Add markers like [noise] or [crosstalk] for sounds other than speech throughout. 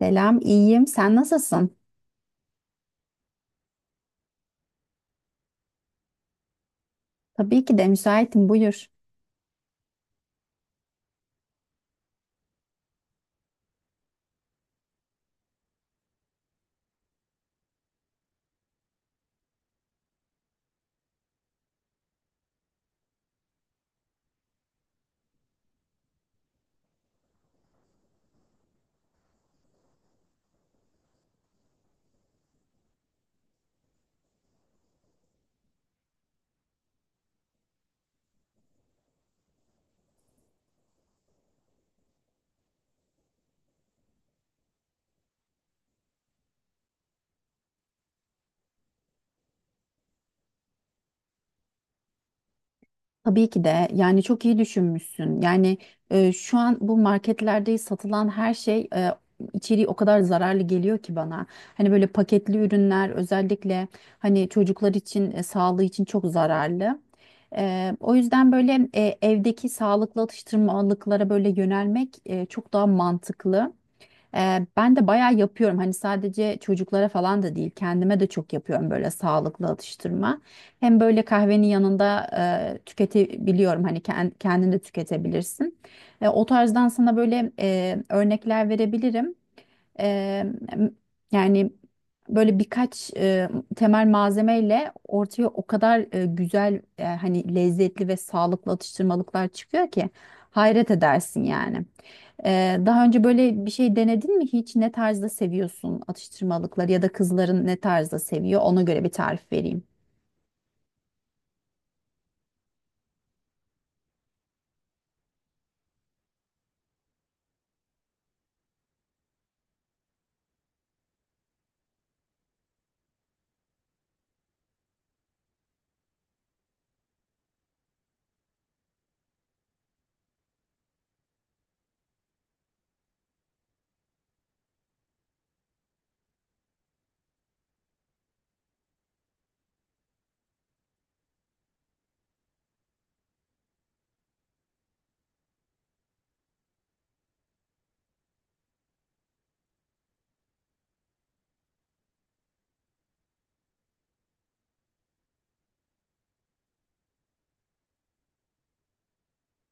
Selam, iyiyim. Sen nasılsın? Tabii ki de müsaitim, buyur. Tabii ki de. Yani çok iyi düşünmüşsün. Şu an bu marketlerde satılan her şey, içeriği o kadar zararlı geliyor ki bana. Hani böyle paketli ürünler özellikle hani çocuklar için sağlığı için çok zararlı. O yüzden böyle evdeki sağlıklı atıştırmalıklara böyle yönelmek, çok daha mantıklı. Ben de bayağı yapıyorum. Hani sadece çocuklara falan da değil, kendime de çok yapıyorum böyle sağlıklı atıştırma. Hem böyle kahvenin yanında tüketebiliyorum. Hani kendin de tüketebilirsin. O tarzdan sana böyle örnekler verebilirim. E, m- Yani böyle birkaç temel malzemeyle ortaya o kadar güzel, e, hani lezzetli ve sağlıklı atıştırmalıklar çıkıyor ki hayret edersin yani. Daha önce böyle bir şey denedin mi hiç? Ne tarzda seviyorsun atıştırmalıkları ya da kızların ne tarzda seviyor? Ona göre bir tarif vereyim.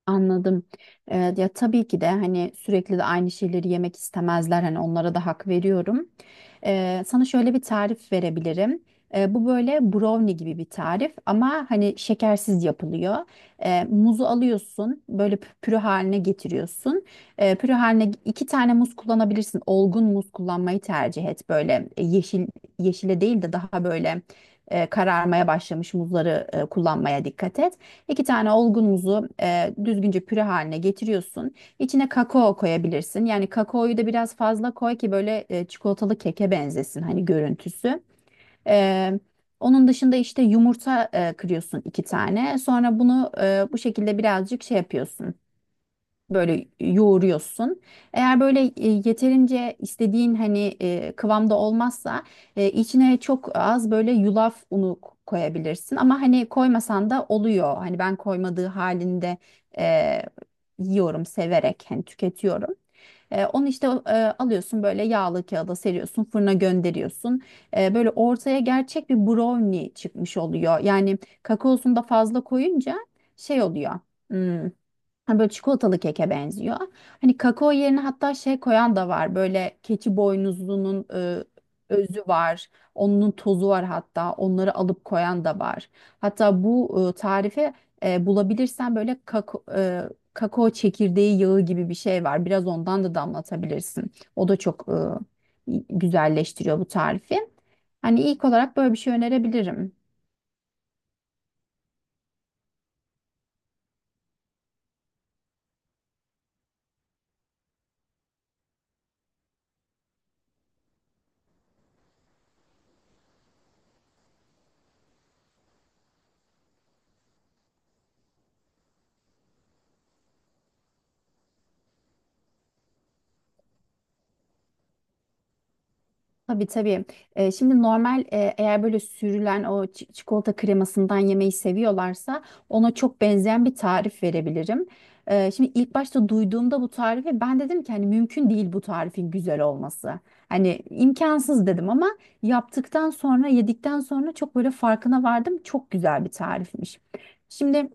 Anladım. Ya tabii ki de hani sürekli de aynı şeyleri yemek istemezler. Hani onlara da hak veriyorum. Sana şöyle bir tarif verebilirim. Bu böyle brownie gibi bir tarif ama hani şekersiz yapılıyor. Muzu alıyorsun, böyle püre haline getiriyorsun. Püre haline iki tane muz kullanabilirsin. Olgun muz kullanmayı tercih et. Böyle yeşile değil de daha böyle kararmaya başlamış muzları kullanmaya dikkat et. İki tane olgun muzu düzgünce püre haline getiriyorsun. İçine kakao koyabilirsin. Yani kakaoyu da biraz fazla koy ki böyle çikolatalı keke benzesin hani görüntüsü. E, Onun dışında işte yumurta kırıyorsun iki tane. Sonra bunu bu şekilde birazcık şey yapıyorsun böyle yoğuruyorsun. Eğer böyle yeterince istediğin hani kıvamda olmazsa, e, içine çok az böyle yulaf unu koyabilirsin. Ama hani koymasan da oluyor. Hani ben koymadığı halinde e, yiyorum severek hani tüketiyorum. Onu işte alıyorsun böyle yağlı kağıda seriyorsun fırına gönderiyorsun. Böyle ortaya gerçek bir brownie çıkmış oluyor. Yani kakaosunu da fazla koyunca şey oluyor. Hmm. Hani böyle çikolatalı keke benziyor. Hani kakao yerine hatta şey koyan da var. Böyle keçi boynuzlunun özü var. Onun tozu var hatta. Onları alıp koyan da var. Hatta bu tarifi bulabilirsen böyle kakao çekirdeği yağı gibi bir şey var. Biraz ondan da damlatabilirsin. O da çok güzelleştiriyor bu tarifi. Hani ilk olarak böyle bir şey önerebilirim. Tabii tabii. Şimdi normal, eğer böyle sürülen o çikolata kremasından yemeyi seviyorlarsa ona çok benzeyen bir tarif verebilirim. Şimdi ilk başta duyduğumda bu tarifi ben dedim ki hani mümkün değil bu tarifin güzel olması. Hani imkansız dedim ama yaptıktan sonra yedikten sonra çok böyle farkına vardım. Çok güzel bir tarifmiş. Şimdi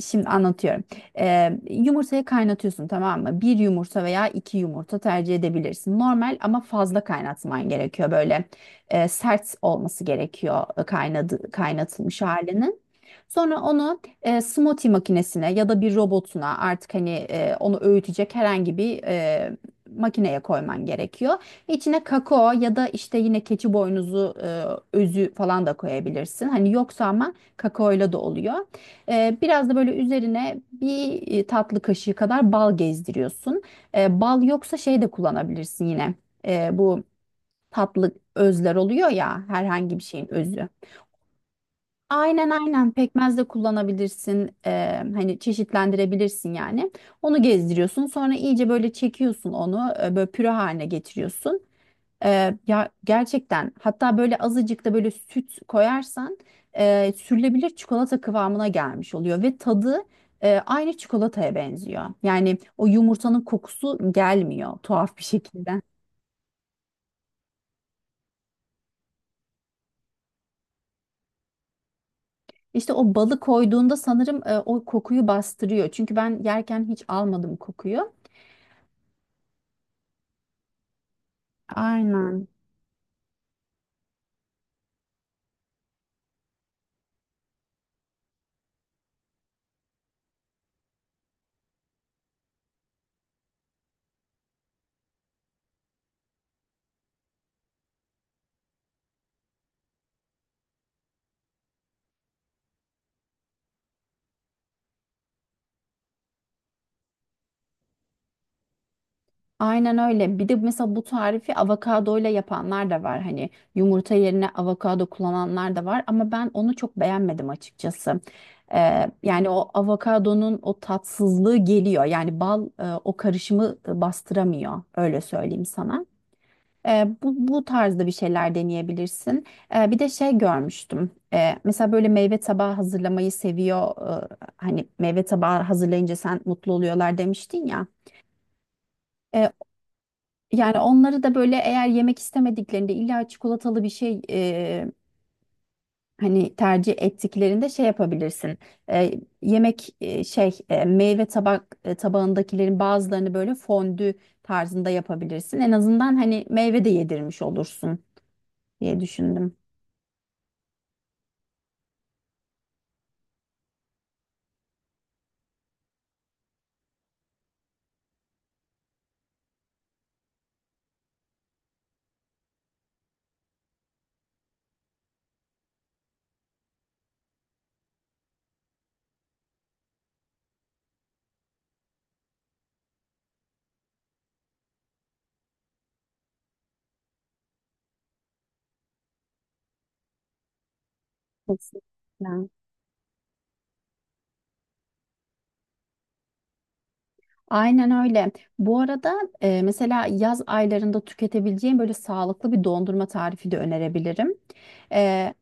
Şimdi anlatıyorum. Yumurtayı kaynatıyorsun tamam mı? Bir yumurta veya iki yumurta tercih edebilirsin. Normal ama fazla kaynatman gerekiyor. Böyle sert olması gerekiyor, kaynadı, kaynatılmış halinin. Sonra onu smoothie makinesine ya da bir robotuna artık hani onu öğütecek herhangi bir makineye koyman gerekiyor. İçine kakao ya da işte yine keçi boynuzu özü falan da koyabilirsin. Hani yoksa ama kakaoyla da oluyor. Biraz da böyle üzerine bir tatlı kaşığı kadar bal gezdiriyorsun. Bal yoksa şey de kullanabilirsin yine. Bu tatlı özler oluyor ya herhangi bir şeyin özü. Aynen, pekmez de kullanabilirsin. Hani çeşitlendirebilirsin yani. Onu gezdiriyorsun. Sonra iyice böyle çekiyorsun onu. Böyle püre haline getiriyorsun. Ya gerçekten hatta böyle azıcık da böyle süt koyarsan, sürülebilir çikolata kıvamına gelmiş oluyor ve tadı aynı çikolataya benziyor. Yani o yumurtanın kokusu gelmiyor tuhaf bir şekilde. İşte o balı koyduğunda sanırım, o kokuyu bastırıyor. Çünkü ben yerken hiç almadım kokuyu. Aynen. Aynen öyle. Bir de mesela bu tarifi avokadoyla yapanlar da var. Hani yumurta yerine avokado kullananlar da var. Ama ben onu çok beğenmedim açıkçası. Yani o avokadonun o tatsızlığı geliyor. Yani bal, o karışımı bastıramıyor. Öyle söyleyeyim sana. Bu tarzda bir şeyler deneyebilirsin. Bir de şey görmüştüm. Mesela böyle meyve tabağı hazırlamayı seviyor. Hani meyve tabağı hazırlayınca sen mutlu oluyorlar demiştin ya. Ee, Yani onları da böyle eğer yemek istemediklerinde illa çikolatalı bir şey, hani tercih ettiklerinde şey yapabilirsin. E, yemek e, şey e, meyve tabak e, Tabağındakilerin bazılarını böyle fondü tarzında yapabilirsin. En azından hani meyve de yedirmiş olursun diye düşündüm. Kesinlikle. Aynen öyle. Bu arada mesela yaz aylarında tüketebileceğin böyle sağlıklı bir dondurma tarifi de önerebilirim. E,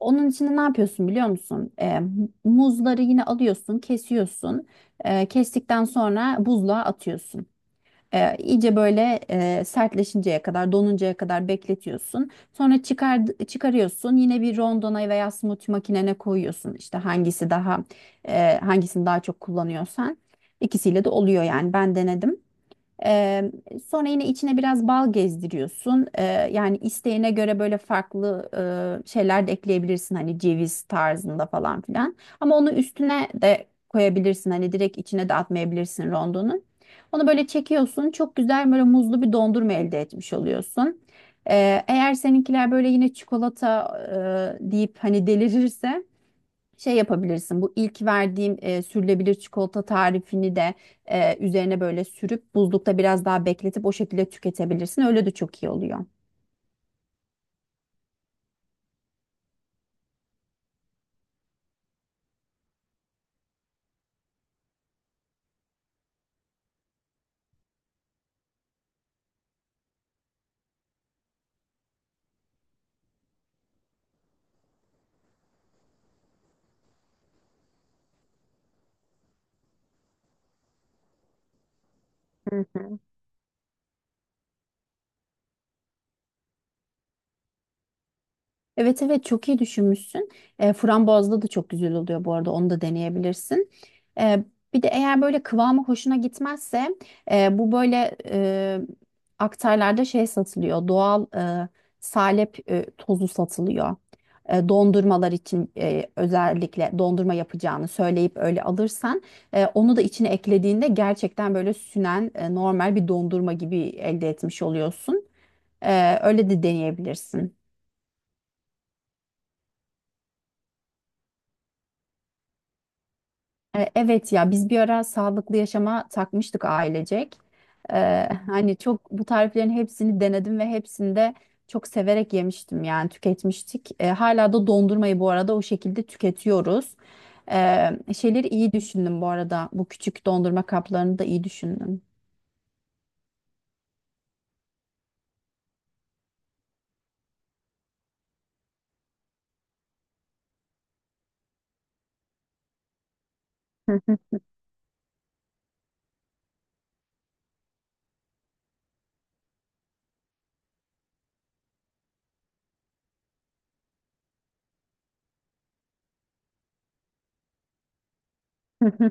Onun içinde ne yapıyorsun biliyor musun? Muzları yine alıyorsun, kesiyorsun. Kestikten sonra buzluğa atıyorsun. İyice böyle sertleşinceye kadar, donuncaya kadar bekletiyorsun. Çıkarıyorsun. Yine bir rondona veya smoothie makinene koyuyorsun. İşte hangisini daha çok kullanıyorsan. İkisiyle de oluyor yani. Ben denedim. Eee, Sonra yine içine biraz bal gezdiriyorsun. Yani isteğine göre böyle farklı şeyler de ekleyebilirsin. Hani ceviz tarzında falan filan. Ama onu üstüne de koyabilirsin. Hani direkt içine de atmayabilirsin rondonun. Onu böyle çekiyorsun. Çok güzel böyle muzlu bir dondurma elde etmiş oluyorsun. Eğer seninkiler böyle yine çikolata deyip hani delirirse şey yapabilirsin, bu ilk verdiğim sürülebilir çikolata tarifini de üzerine böyle sürüp buzlukta biraz daha bekletip o şekilde tüketebilirsin. Öyle de çok iyi oluyor. Hı hı. Evet, evet, çok iyi düşünmüşsün. Frambuazlı da çok güzel oluyor bu arada, onu da deneyebilirsin. E, Bir de eğer böyle kıvamı hoşuna gitmezse, e, bu böyle e, aktarlarda şey satılıyor. Doğal salep tozu satılıyor. Dondurmalar için, özellikle dondurma yapacağını söyleyip öyle alırsan, onu da içine eklediğinde gerçekten böyle sünen, normal bir dondurma gibi elde etmiş oluyorsun. Öyle de deneyebilirsin. Evet ya, biz bir ara sağlıklı yaşama takmıştık ailecek. Hani çok bu tariflerin hepsini denedim ve hepsinde çok severek yemiştim yani tüketmiştik. Hala da dondurmayı bu arada o şekilde tüketiyoruz. Şeyleri iyi düşündüm bu arada. Bu küçük dondurma kaplarını da iyi düşündüm. [laughs] Hı hı.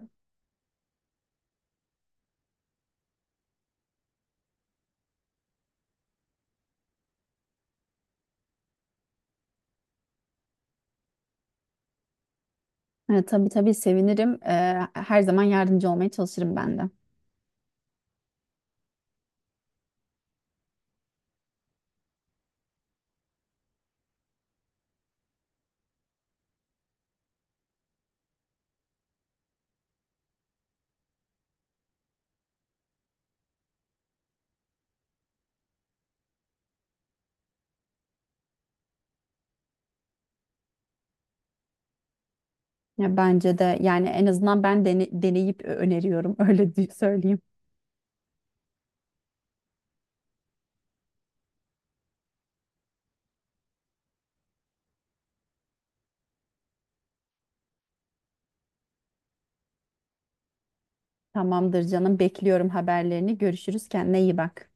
Tabii tabii, sevinirim. Her zaman yardımcı olmaya çalışırım ben de. Ya bence de yani en azından ben deneyip öneriyorum [laughs] öyle söyleyeyim. Tamamdır canım. Bekliyorum haberlerini. Görüşürüz. Kendine iyi bak.